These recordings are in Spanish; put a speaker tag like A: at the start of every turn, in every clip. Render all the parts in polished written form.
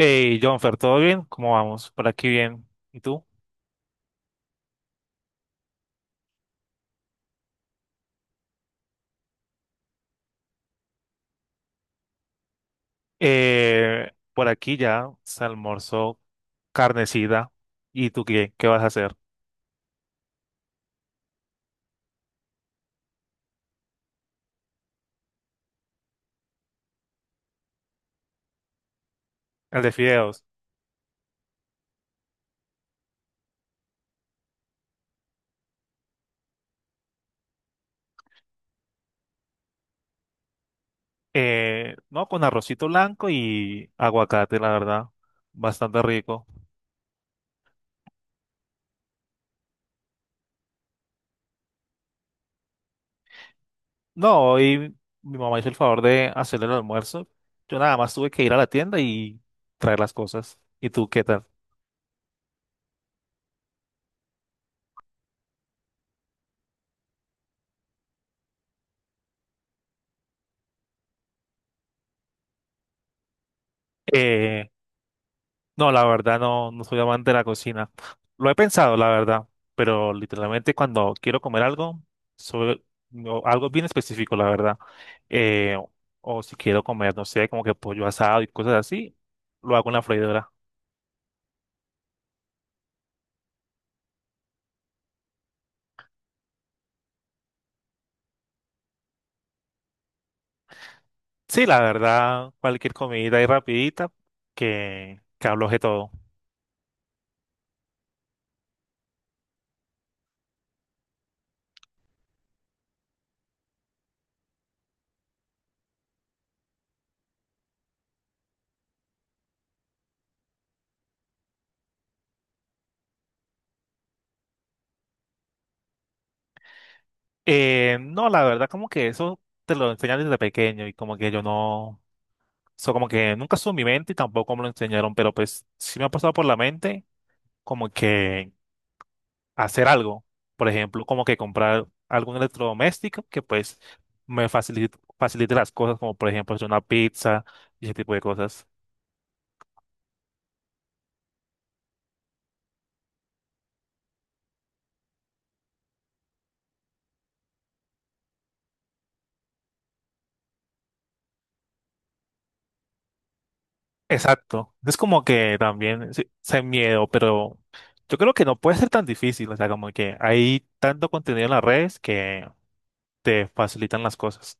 A: Hey, Jonfer, ¿todo bien? ¿Cómo vamos? Por aquí bien. ¿Y tú? Por aquí ya se almorzó carnecida. ¿Y tú qué? ¿Qué vas a hacer? El de fideos. No, con arrocito blanco y aguacate, la verdad. Bastante rico. No, hoy mi mamá hizo el favor de hacer el almuerzo. Yo nada más tuve que ir a la tienda y traer las cosas. ¿Y tú qué tal? Eh, No, la verdad no, no soy amante de la cocina. Lo he pensado, la verdad, pero literalmente cuando quiero comer algo, sobre no, algo bien específico, la verdad. eh, o si quiero comer, no sé, como que pollo asado y cosas así, lo hago en la freidora. Sí, la verdad, cualquier comida y rapidita que abloje todo. No, la verdad, como que eso te lo enseñan desde pequeño y como que yo no, eso como que nunca estuvo en mi mente y tampoco me lo enseñaron, pero pues sí me ha pasado por la mente como que hacer algo. Por ejemplo, como que comprar algún electrodoméstico que pues me facilite, facilite las cosas, como por ejemplo hacer una pizza y ese tipo de cosas. Exacto. Es como que también sí, sé miedo, pero yo creo que no puede ser tan difícil. O sea, como que hay tanto contenido en las redes que te facilitan las cosas.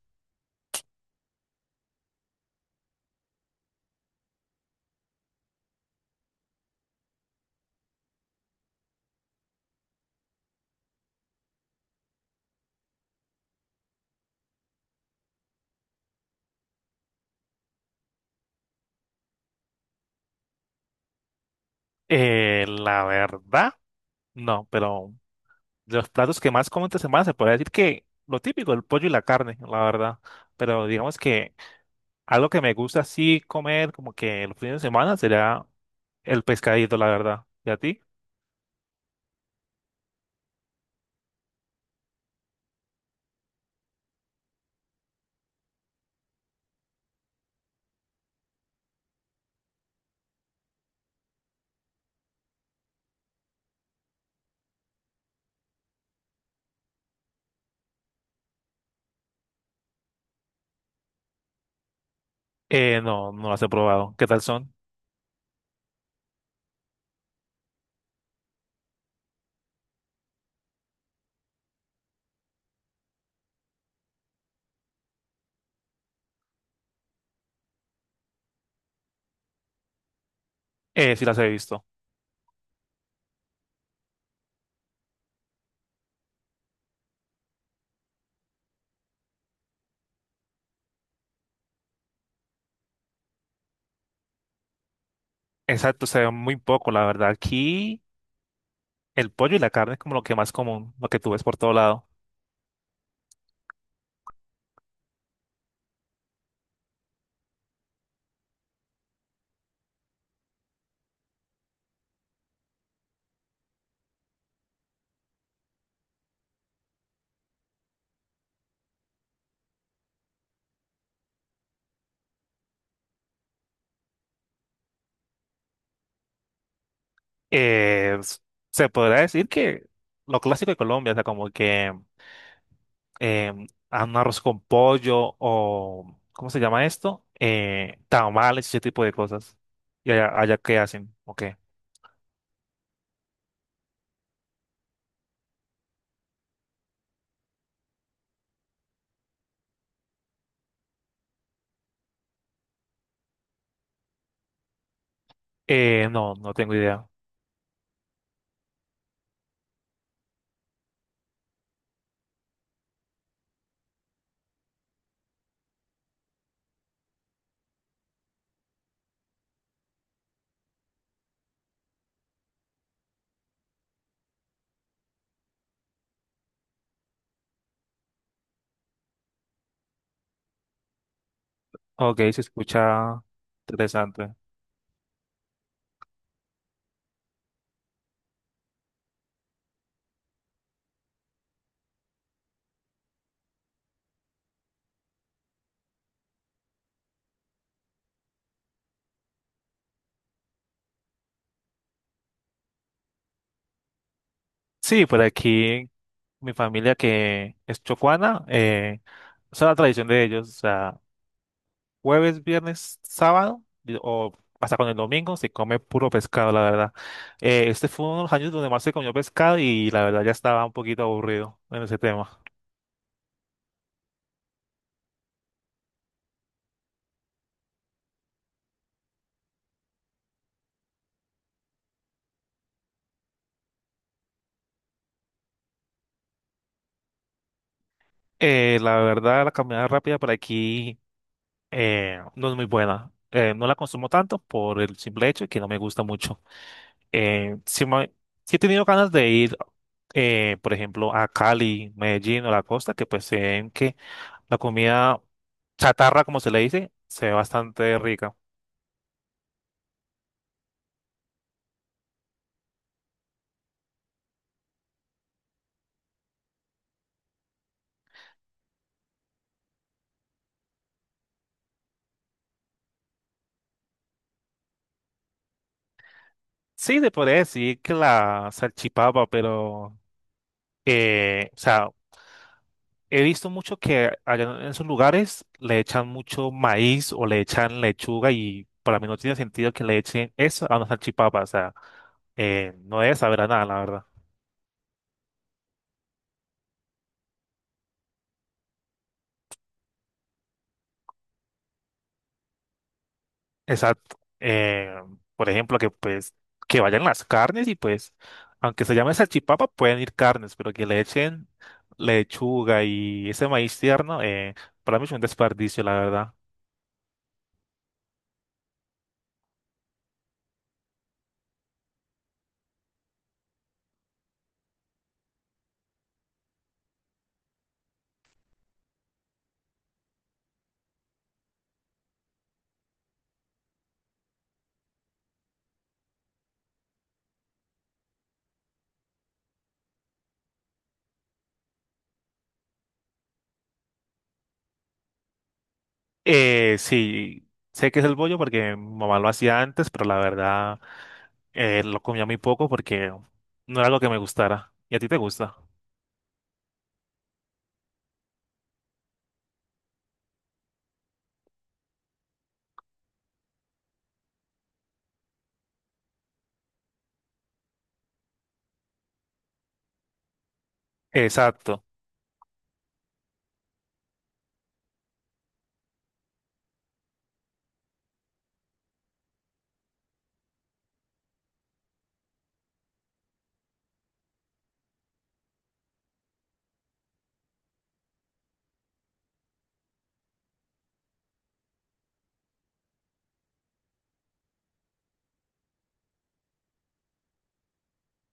A: La verdad, no, pero de los platos que más como esta semana se puede decir que lo típico, el pollo y la carne, la verdad. Pero digamos que algo que me gusta así comer como que los fines de semana sería el pescadito, la verdad. ¿Y a ti? No, no las he probado. ¿Qué tal son? Sí las he visto. Exacto, se ve muy poco, la verdad. Aquí el pollo y la carne es como lo que más común, lo que tú ves por todo lado. Eh, s- Se podrá decir que lo clásico de Colombia, o sea, como que a un arroz con pollo o, ¿cómo se llama esto? Tamales, ese tipo de cosas. ¿Y allá, allá qué hacen? Ok. No, no tengo idea. Ok, se escucha interesante. Sí, por aquí mi familia que es chocuana, esa es la tradición de ellos. O sea, jueves, viernes, sábado y- o hasta con el domingo se come puro pescado, la verdad. Este fue uno de los años donde más se comió pescado y la verdad ya estaba un poquito aburrido en ese tema. La verdad, la caminada rápida por aquí no es muy buena. No la consumo tanto por el simple hecho de que no me gusta mucho. Eh, sí, me- sí he tenido ganas de ir, por ejemplo, a Cali, Medellín o la costa, que pues se ven que la comida chatarra, como se le dice, se ve bastante rica. Sí, te podría decir que la salchipapa, pero, o sea, he visto mucho que allá en esos lugares le echan mucho maíz o le echan lechuga y para mí no tiene sentido que le echen eso a una salchipapa. O sea, no debe saber a nada, la verdad. Exacto. Por ejemplo, que pues que vayan las carnes y pues, aunque se llame salchipapa, pueden ir carnes, pero que le echen lechuga y ese maíz tierno, para mí es un desperdicio, la verdad. Sí, sé que es el bollo porque mi mamá lo hacía antes, pero la verdad lo comía muy poco porque no era algo que me gustara. ¿Y a ti te gusta? Exacto.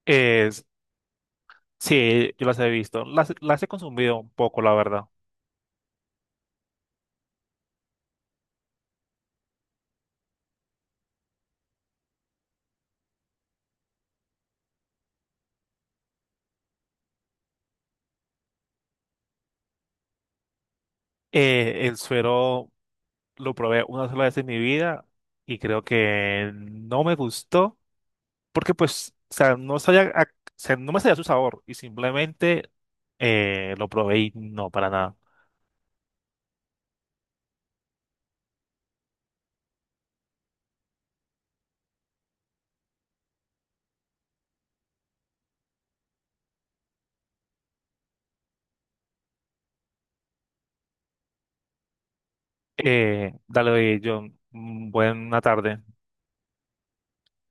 A: Es, sí, yo las he visto. Las he consumido un poco, la verdad. El suero lo probé una sola vez en mi vida y creo que no me gustó, porque pues, o sea, no sabía, o sea, no me sabía su sabor y simplemente lo probé y no, para nada. Dale, John, mm, buena tarde.